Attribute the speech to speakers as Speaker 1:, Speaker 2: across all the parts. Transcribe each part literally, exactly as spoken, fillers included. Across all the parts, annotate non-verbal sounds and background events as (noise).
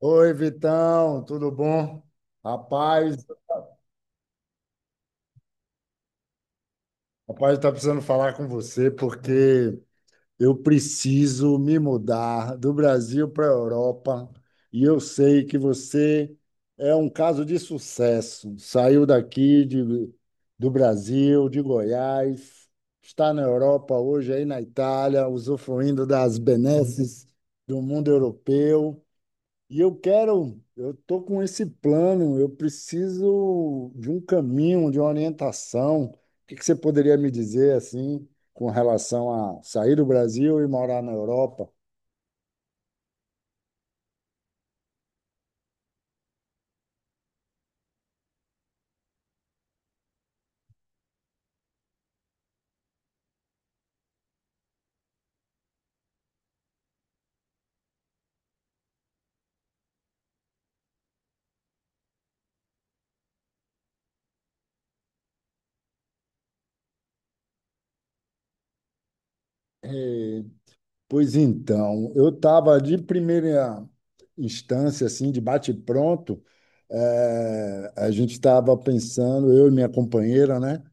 Speaker 1: Oi, Vitão, tudo bom? Rapaz, rapaz, tá precisando falar com você porque eu preciso me mudar do Brasil para a Europa e eu sei que você é um caso de sucesso. Saiu daqui de, do Brasil, de Goiás, está na Europa hoje, aí na Itália, usufruindo das benesses do mundo europeu. E eu quero, eu estou com esse plano, eu preciso de um caminho, de uma orientação. O que que você poderia me dizer assim, com relação a sair do Brasil e morar na Europa? Eh, pois então, eu estava de primeira instância, assim, de bate-pronto, eh, a gente estava pensando, eu e minha companheira, né,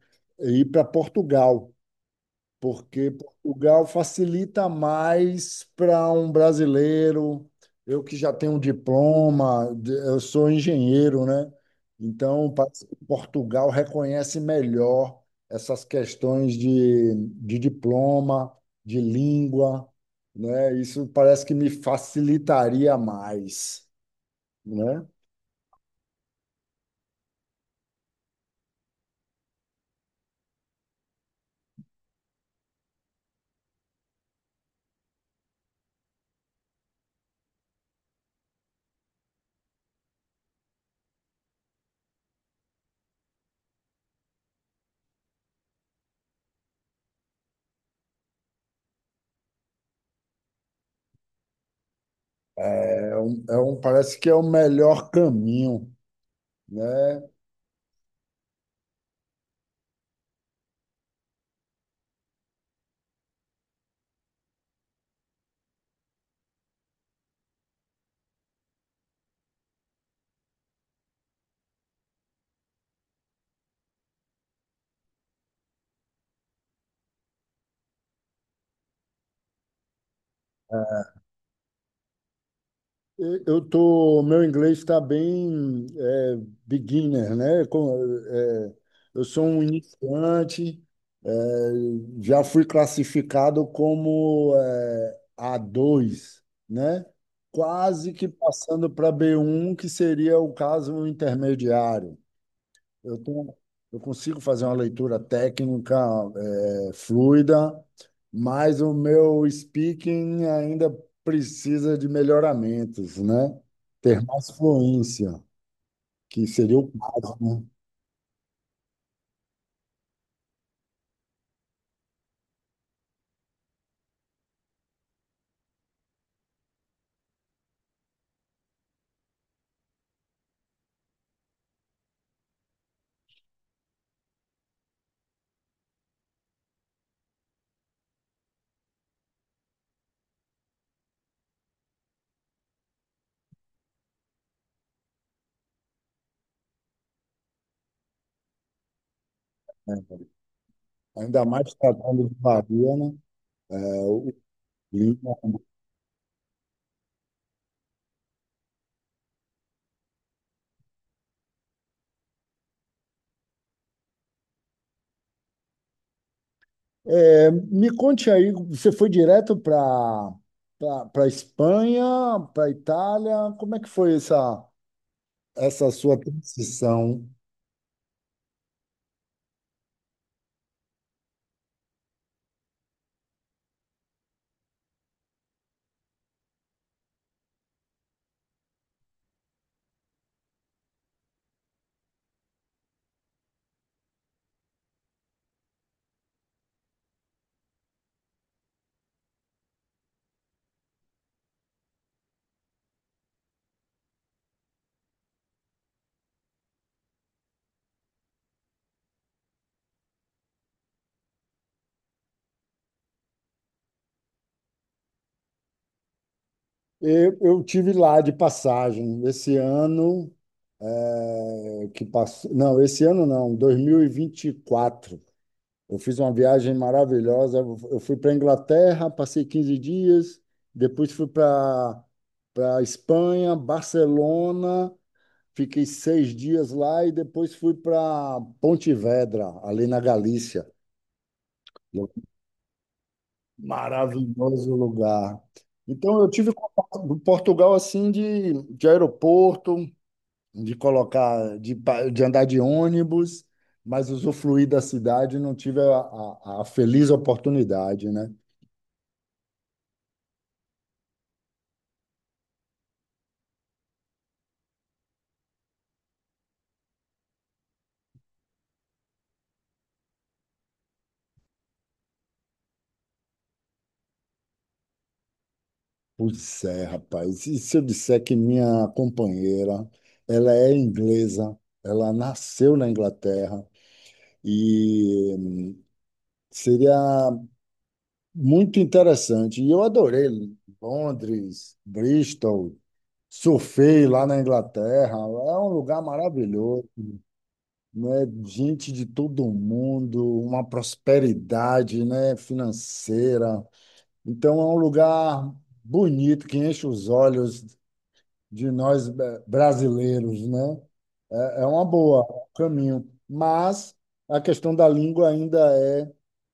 Speaker 1: ir para Portugal. Porque Portugal facilita mais para um brasileiro. Eu que já tenho um diploma, de- eu sou engenheiro, né? Então, parece que Portugal reconhece melhor essas questões de, de diploma, de língua, né? Isso parece que me facilitaria mais, né? É é um, é um- parece que é o melhor caminho, né? Eu tô, meu inglês está bem é, beginner, né? Com- é, eu sou um iniciante, é, já fui classificado como é, a dois né? Quase que passando para b um que seria o caso intermediário. Eu tenho, eu consigo fazer uma leitura técnica, eh, fluida, mas o meu speaking ainda precisa de melhoramentos, né? Ter mais fluência, que seria o caso, né? É, Ainda mais tratando de Bahia, né? É, o clima. É, me conte aí, você foi direto para para Espanha, para Itália, como é que foi essa, essa sua transição? Eu, eu tive lá de passagem esse ano eh, que passou, não, esse ano não, dois mil e e vinte e quatro. Eu fiz uma viagem maravilhosa. Eu fui para a Inglaterra, passei quinze dias, depois fui para para Espanha, Barcelona, fiquei seis dias lá e depois fui para Pontevedra, ali na Galícia. Maravilhoso lugar. Então, eu tive contato com Portugal assim de, de aeroporto, de colocar, de, pa- de andar de ônibus, mas usufruir da cidade, não tive a, a- a feliz oportunidade, né? Pois é, rapaz. E se eu disser que minha companheira, ela é inglesa, ela nasceu na Inglaterra e seria muito interessante. E eu adorei Londres, Bristol, surfei lá na Inglaterra. É um lugar maravilhoso, né? Gente de todo mundo, uma prosperidade, né? Financeira. Então é um lugar bonito que enche os olhos de nós eh, brasileiros, né? É é uma boa é um caminho, mas a questão da língua ainda é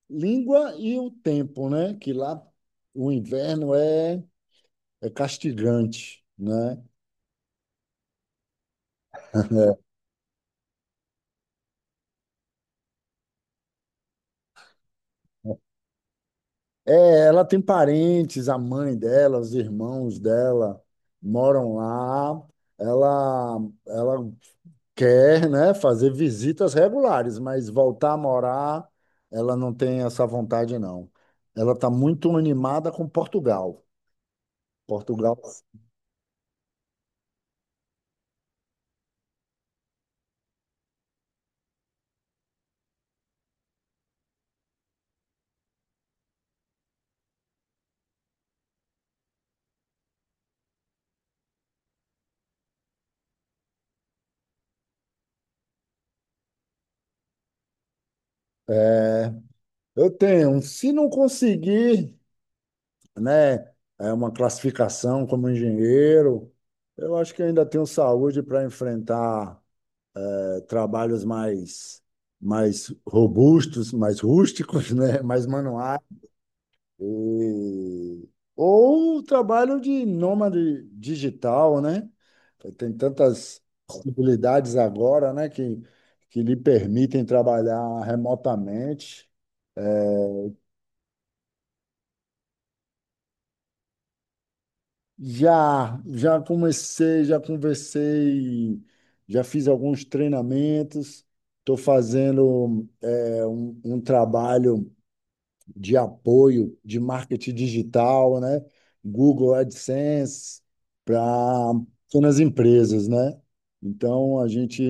Speaker 1: língua e o tempo, né? Que lá o inverno é, é castigante, né? (laughs) É, ela tem parentes, a mãe dela, os irmãos dela moram lá. Ela, ela quer, né, fazer visitas regulares, mas voltar a morar, ela não tem essa vontade, não. Ela está muito animada com Portugal. Portugal, é, eu tenho. Se não conseguir, né, é uma classificação como engenheiro, eu acho que ainda tenho saúde para enfrentar trabalhos mais, mais robustos, mais rústicos, (laughs) né? Mais manuais. E... Ou o trabalho de nômade digital, né? Tem tantas possibilidades agora, né, que, que lhe permitem trabalhar remotamente. Já, já comecei, já conversei, já fiz alguns treinamentos. Estou fazendo eh, um, um trabalho de apoio de marketing digital, né? Google AdSense para pequenas empresas, né? Então, a gente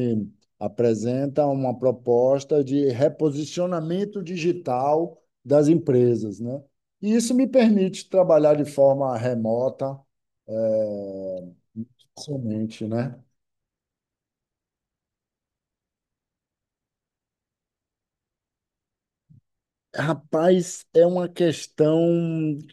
Speaker 1: apresenta uma proposta de reposicionamento digital das empresas, né? E isso me permite trabalhar de forma remota, somente, né? Rapaz, é uma questão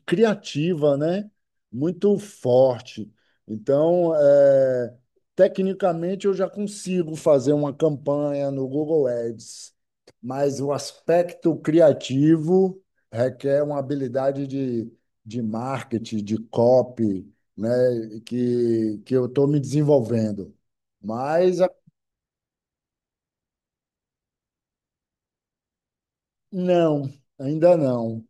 Speaker 1: criativa, né? Muito forte. Então, é, tecnicamente, eu já consigo fazer uma campanha no Google Ads, mas o aspecto criativo requer uma habilidade de, de marketing, de copy, né? Que, que eu estou me desenvolvendo. Mas a- não, ainda não.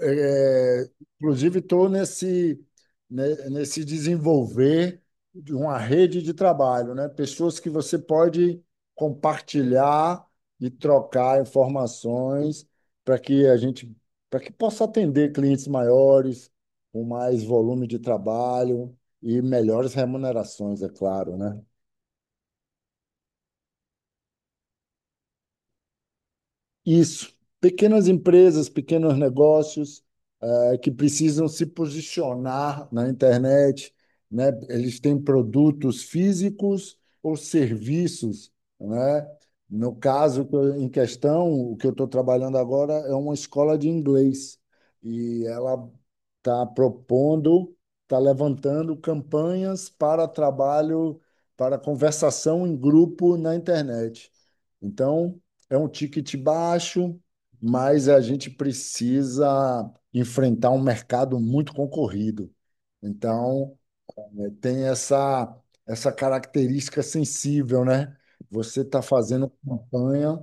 Speaker 1: É, inclusive, estou nesse, né, nesse desenvolver de uma rede de trabalho, né? Pessoas que você pode compartilhar e trocar informações para que a gente, para que possa atender clientes maiores, com mais volume de trabalho e melhores remunerações, é claro, né? Isso, pequenas empresas, pequenos negócios eh, que precisam se posicionar na internet, né? Eles têm produtos físicos ou serviços, né? No caso que eu- Em questão, o que eu estou trabalhando agora é uma escola de inglês e ela está propondo, está levantando campanhas para trabalho, para conversação em grupo na internet. Então é um ticket baixo, mas a gente precisa enfrentar um mercado muito concorrido. Então, eh, tem essa, essa característica sensível, né? Você está fazendo campanha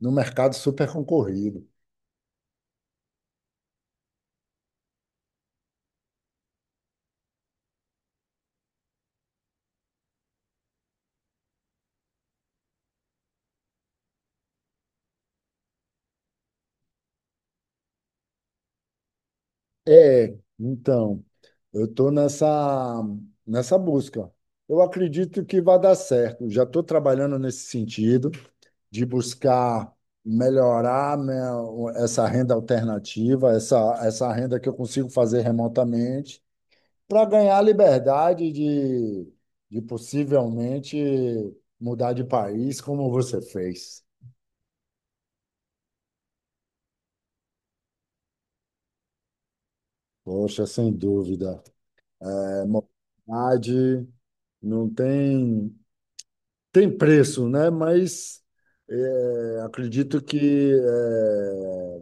Speaker 1: no mercado super concorrido. É, então, eu estou nessa, nessa busca. Eu acredito que vai dar certo. Já estou trabalhando nesse sentido. De buscar melhorar, né, o- essa renda alternativa, essa, essa renda que eu consigo fazer remotamente, para ganhar a liberdade de, de possivelmente mudar de país, como você fez. Poxa, sem dúvida. É, mobilidade não tem, tem preço, né? Mas é, acredito que é,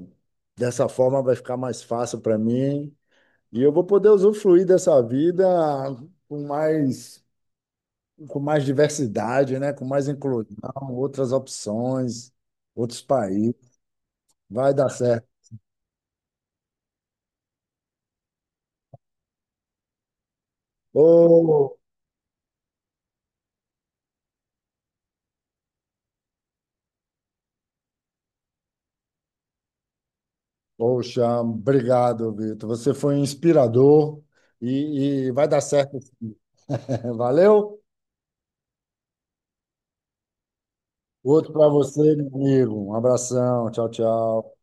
Speaker 1: dessa forma vai ficar mais fácil para mim. E eu vou poder usufruir dessa vida com mais, com mais diversidade, né? Com mais inclusão, outras opções, outros países. Vai dar certo. Ô, poxa, obrigado, Vitor. Você foi um inspirador e, e vai dar certo. (laughs) Valeu? Outro para você, meu amigo. Um abração. Tchau, tchau.